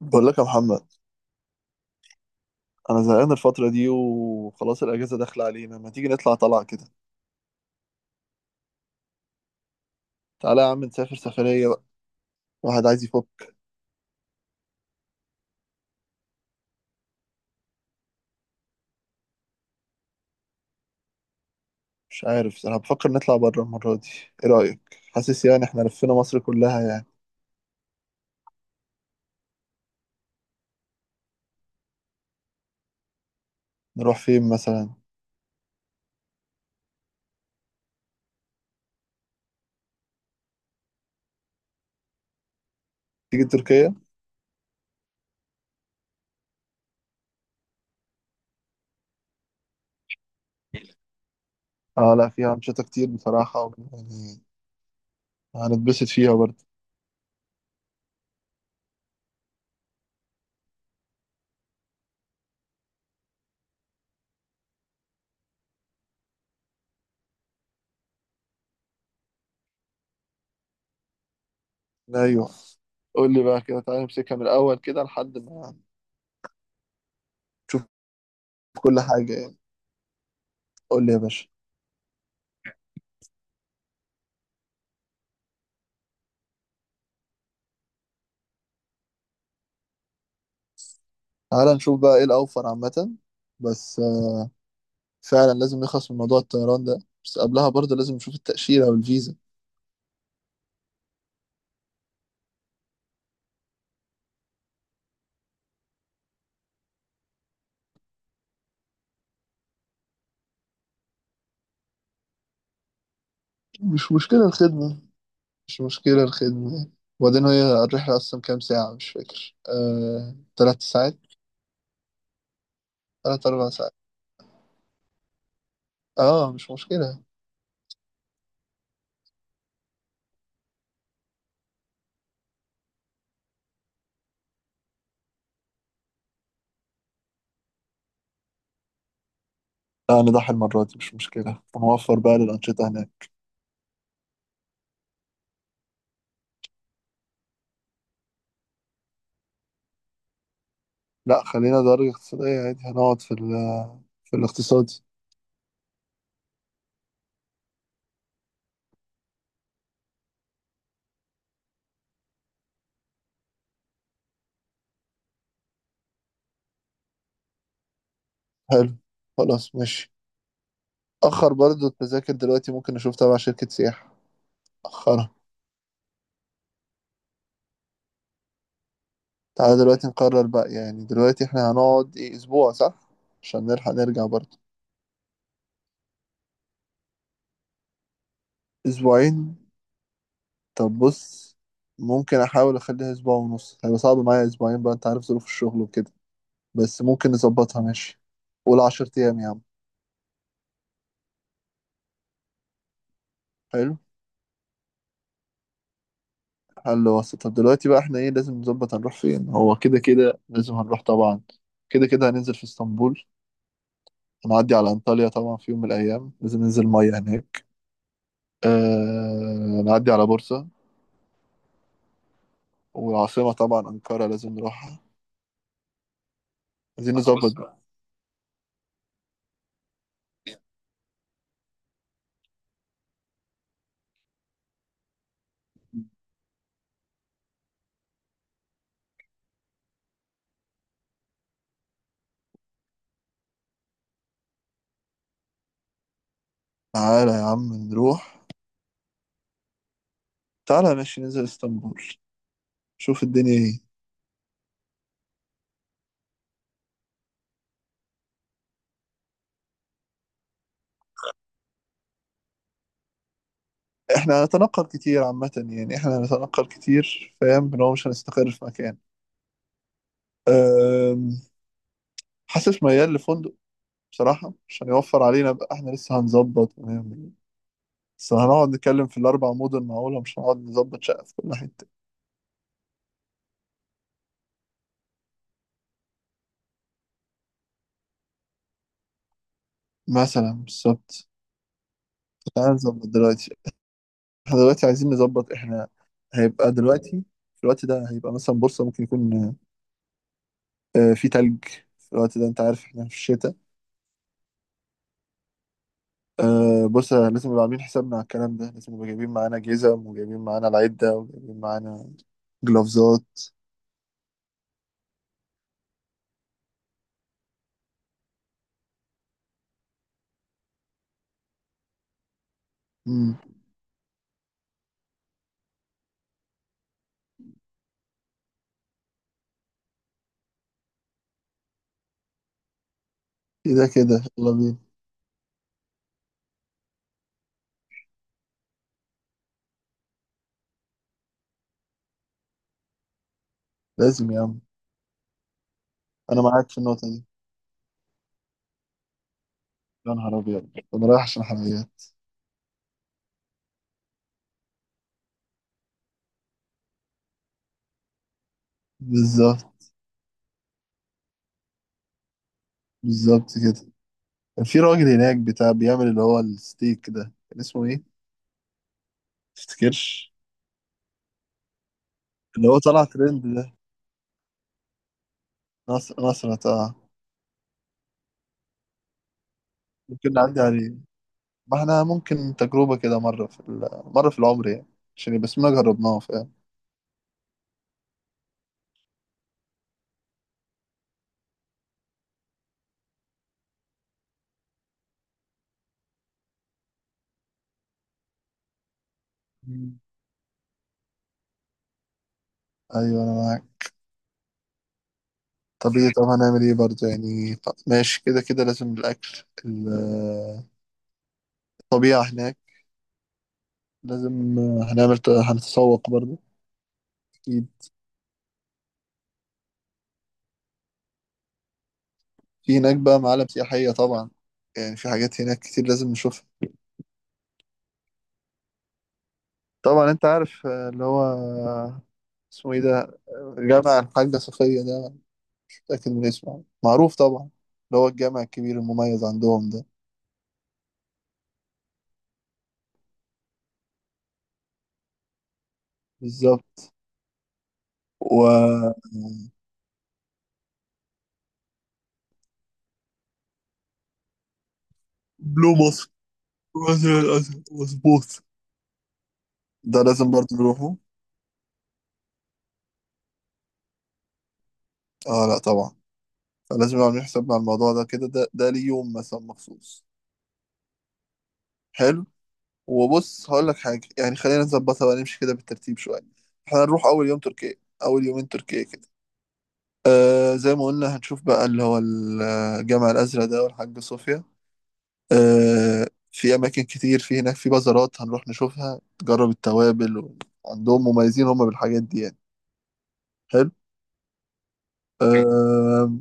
بقول لك يا محمد، انا زهقان الفتره دي وخلاص الاجازه داخله علينا. ما تيجي نطلع طلعه كده، تعالى يا عم نسافر سفريه بقى. واحد عايز يفك. مش عارف، انا بفكر نطلع بره المره دي. ايه رايك؟ حاسس يعني احنا لفينا مصر كلها يعني. نروح فين مثلا؟ تيجي تركيا. اه لا، فيها انشطه كتير بصراحه يعني هنتبسط فيها برضه. ايوه. قول لي بقى كده، تعالى نمسكها من الاول كده لحد ما نشوف كل حاجه يعني. قول لي يا باشا. تعالى نشوف بقى ايه الاوفر عامه. بس فعلا لازم نخلص من موضوع الطيران ده، بس قبلها برضه لازم نشوف التأشيرة والفيزا. مش مشكلة الخدمة، مش مشكلة الخدمة يعني. وبعدين هي الرحلة أصلا كام ساعة؟ مش فاكر، تلات ساعات. تلات أربع ساعات. اه مش مشكلة. لا نضحي المرة دي، مش مشكلة، ونوفر بقى للأنشطة هناك. لا خلينا درجة اقتصادية عادي، هنقعد في في الاقتصادي. حلو، خلاص ماشي. أخر برضه التذاكر دلوقتي ممكن نشوف تبع شركة سياحة أخرها. تعالى دلوقتي نقرر بقى، يعني دلوقتي احنا هنقعد ايه؟ اسبوع صح؟ عشان نلحق نرجع برضه. اسبوعين؟ طب بص، ممكن احاول اخليها اسبوع ونص، هيبقى صعب معايا اسبوعين بقى، انت عارف ظروف الشغل وكده، بس ممكن نظبطها ماشي. قول 10 ايام يا عم. حلو. حل وسط. طب دلوقتي بقى احنا ايه لازم نظبط؟ هنروح فين؟ هو كده كده لازم هنروح طبعا. كده كده هننزل في اسطنبول. هنعدي على انطاليا طبعا، في يوم من الايام لازم ننزل ميه هناك. نعدي على بورصة، والعاصمة طبعا أنقرة لازم نروح. عايزين نظبط خلاص بقى. تعالى يا عم نروح. تعالى ماشي، ننزل اسطنبول، شوف الدنيا ايه. احنا هنتنقل كتير عامة، يعني احنا هنتنقل كتير، فاهم ان هو مش هنستقر في مكان. أم، حاسس ميال لفندق بصراحة، عشان يوفر علينا بقى، احنا لسه هنظبط ونعمل. بس هنقعد نتكلم في الأربع مدن معقولة؟ مش هنقعد نظبط شقة في كل حتة. مثلا بالظبط. تعالى نظبط دلوقتي. احنا دلوقتي عايزين نظبط احنا هيبقى دلوقتي، في الوقت ده هيبقى مثلا بورصة ممكن يكون في تلج. في الوقت ده انت عارف احنا في الشتاء. بص، لازم نبقى عاملين حسابنا على الكلام ده، لازم نبقى جايبين معانا جزم وجايبين معانا العدة وجايبين معانا جلافزات. امم كده كده يلا بينا. لازم يا عم. انا معاك في النقطة دي. يا نهار ابيض انا رايح عشان حلويات. بالظبط. بالظبط كده. كان في راجل هناك بتاع بيعمل اللي هو الستيك ده، كان اسمه ايه؟ تفتكرش؟ اللي هو طلع ترند ده. نصر نصرة، اه. ممكن نعدي عليه. ما احنا ممكن تجربة كده، مرة في العمر يعني، عشان يبقى اسمنا جربناه، فاهم. مم. ايوه انا معاك. طب ايه؟ طب هنعمل ايه برضه يعني؟ طب ماشي، كده كده لازم الاكل. الطبيعة هناك لازم هنعمل. هنتسوق برضه اكيد. في هناك بقى معالم سياحية طبعا، يعني في حاجات هناك كتير لازم نشوفها. طبعا انت عارف، اللي هو، اسمه ايه ده، جامع الحاجة صفية ده، مش متأكد من اسمه، معروف طبعا، اللي هو الجامع الكبير المميز عندهم ده. بالظبط. وبلو مصر وزير الأزرق، مظبوط. ده لازم برضه نروحه. اه لا طبعا. لازم نعمل حسابنا على الموضوع ده كده، ده ليه يوم مثلا مخصوص. حلو. وبص هقول لك حاجة يعني، خلينا نظبطها بقى نمشي كده بالترتيب شوية. احنا هنروح أول يوم تركيا، أول يومين تركيا كده، آه زي ما قلنا هنشوف بقى اللي هو الجامع الأزرق ده والحاج صوفيا. آه في أماكن كتير في هناك، في بازارات هنروح نشوفها، تجرب التوابل عندهم، مميزين هم بالحاجات دي يعني. حلو. آه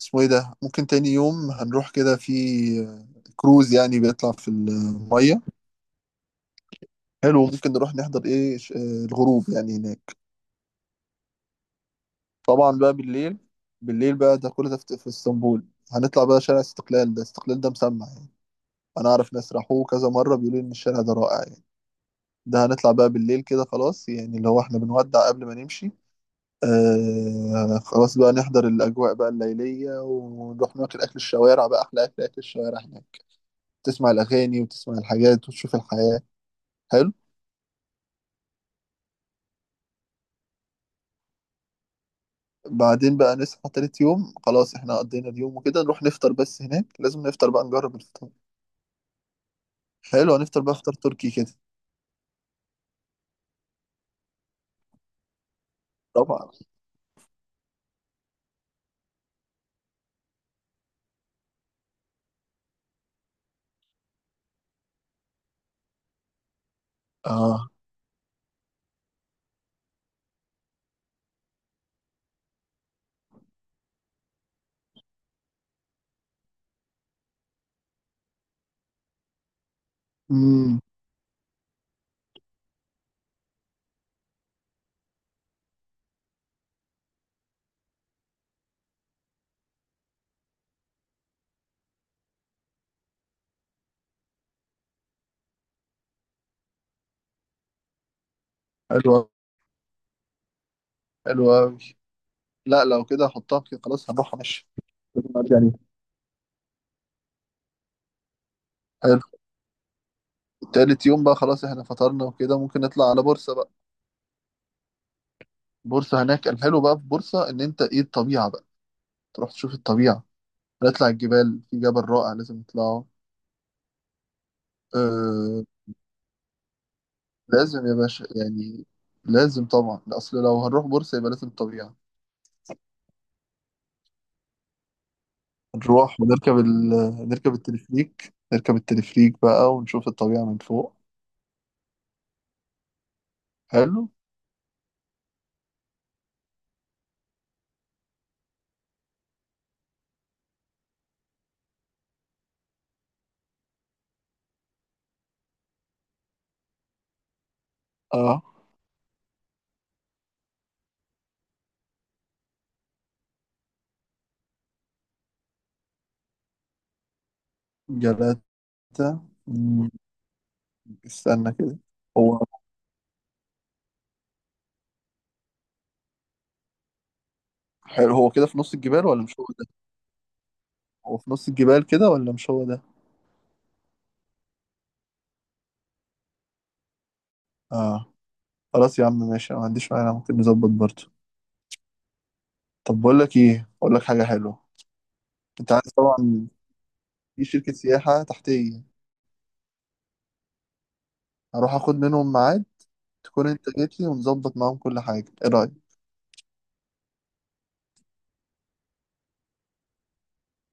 اسمه ايه ده، ممكن تاني يوم هنروح كده في كروز، يعني بيطلع في المية. حلو، ممكن نروح نحضر ايه، الغروب يعني هناك، طبعا بقى بالليل. بالليل بقى ده، كل ده في اسطنبول. هنطلع بقى شارع استقلال ده، استقلال ده مسمع يعني، انا اعرف ناس راحوه كذا مرة بيقولوا ان الشارع ده رائع يعني. ده هنطلع بقى بالليل كده خلاص، يعني اللي هو احنا بنودع قبل ما نمشي. آه خلاص بقى، نحضر الأجواء بقى الليلية، ونروح ناكل أكل الشوارع بقى، أحلى أكل، أكل الشوارع هناك. تسمع الأغاني وتسمع الحاجات وتشوف الحياة. حلو. بعدين بقى نصحى تالت يوم، خلاص احنا قضينا اليوم وكده، نروح نفطر، بس هناك لازم نفطر بقى، نجرب الفطار. حلو، هنفطر بقى فطار تركي كده. طبعا. اه. امم حلو أوي، حلو أوي. لا لو كده هحطها كده، خلاص هنروح ماشي يعني. حلو. تالت يوم بقى خلاص احنا فطرنا وكده، ممكن نطلع على بورصة بقى. بورصة هناك الحلو بقى في بورصة ان انت ايه الطبيعة بقى. تروح تشوف الطبيعة، نطلع الجبال، في جبل رائع لازم نطلعه. آه. لازم يا باشا يعني، لازم طبعا، اصل لو هنروح بورصة يبقى لازم طبيعة. نروح ونركب نركب التلفريك، نركب التلفريك بقى ونشوف الطبيعة من فوق. حلو. اه جلاتة. مم، استنى كده. هو حلو، هو كده في نص الجبال ولا مش هو ده؟ هو في نص الجبال كده ولا مش هو ده؟ اه خلاص يا عم ماشي، أنا ما عنديش مانع، ممكن نظبط برضه. طب بقول لك ايه، اقول لك حاجة حلوة. انت عارف طبعا في شركة سياحة تحتية. هروح اخد منهم ميعاد، تكون انت جيت لي ونظبط معاهم كل حاجة، ايه رأيك؟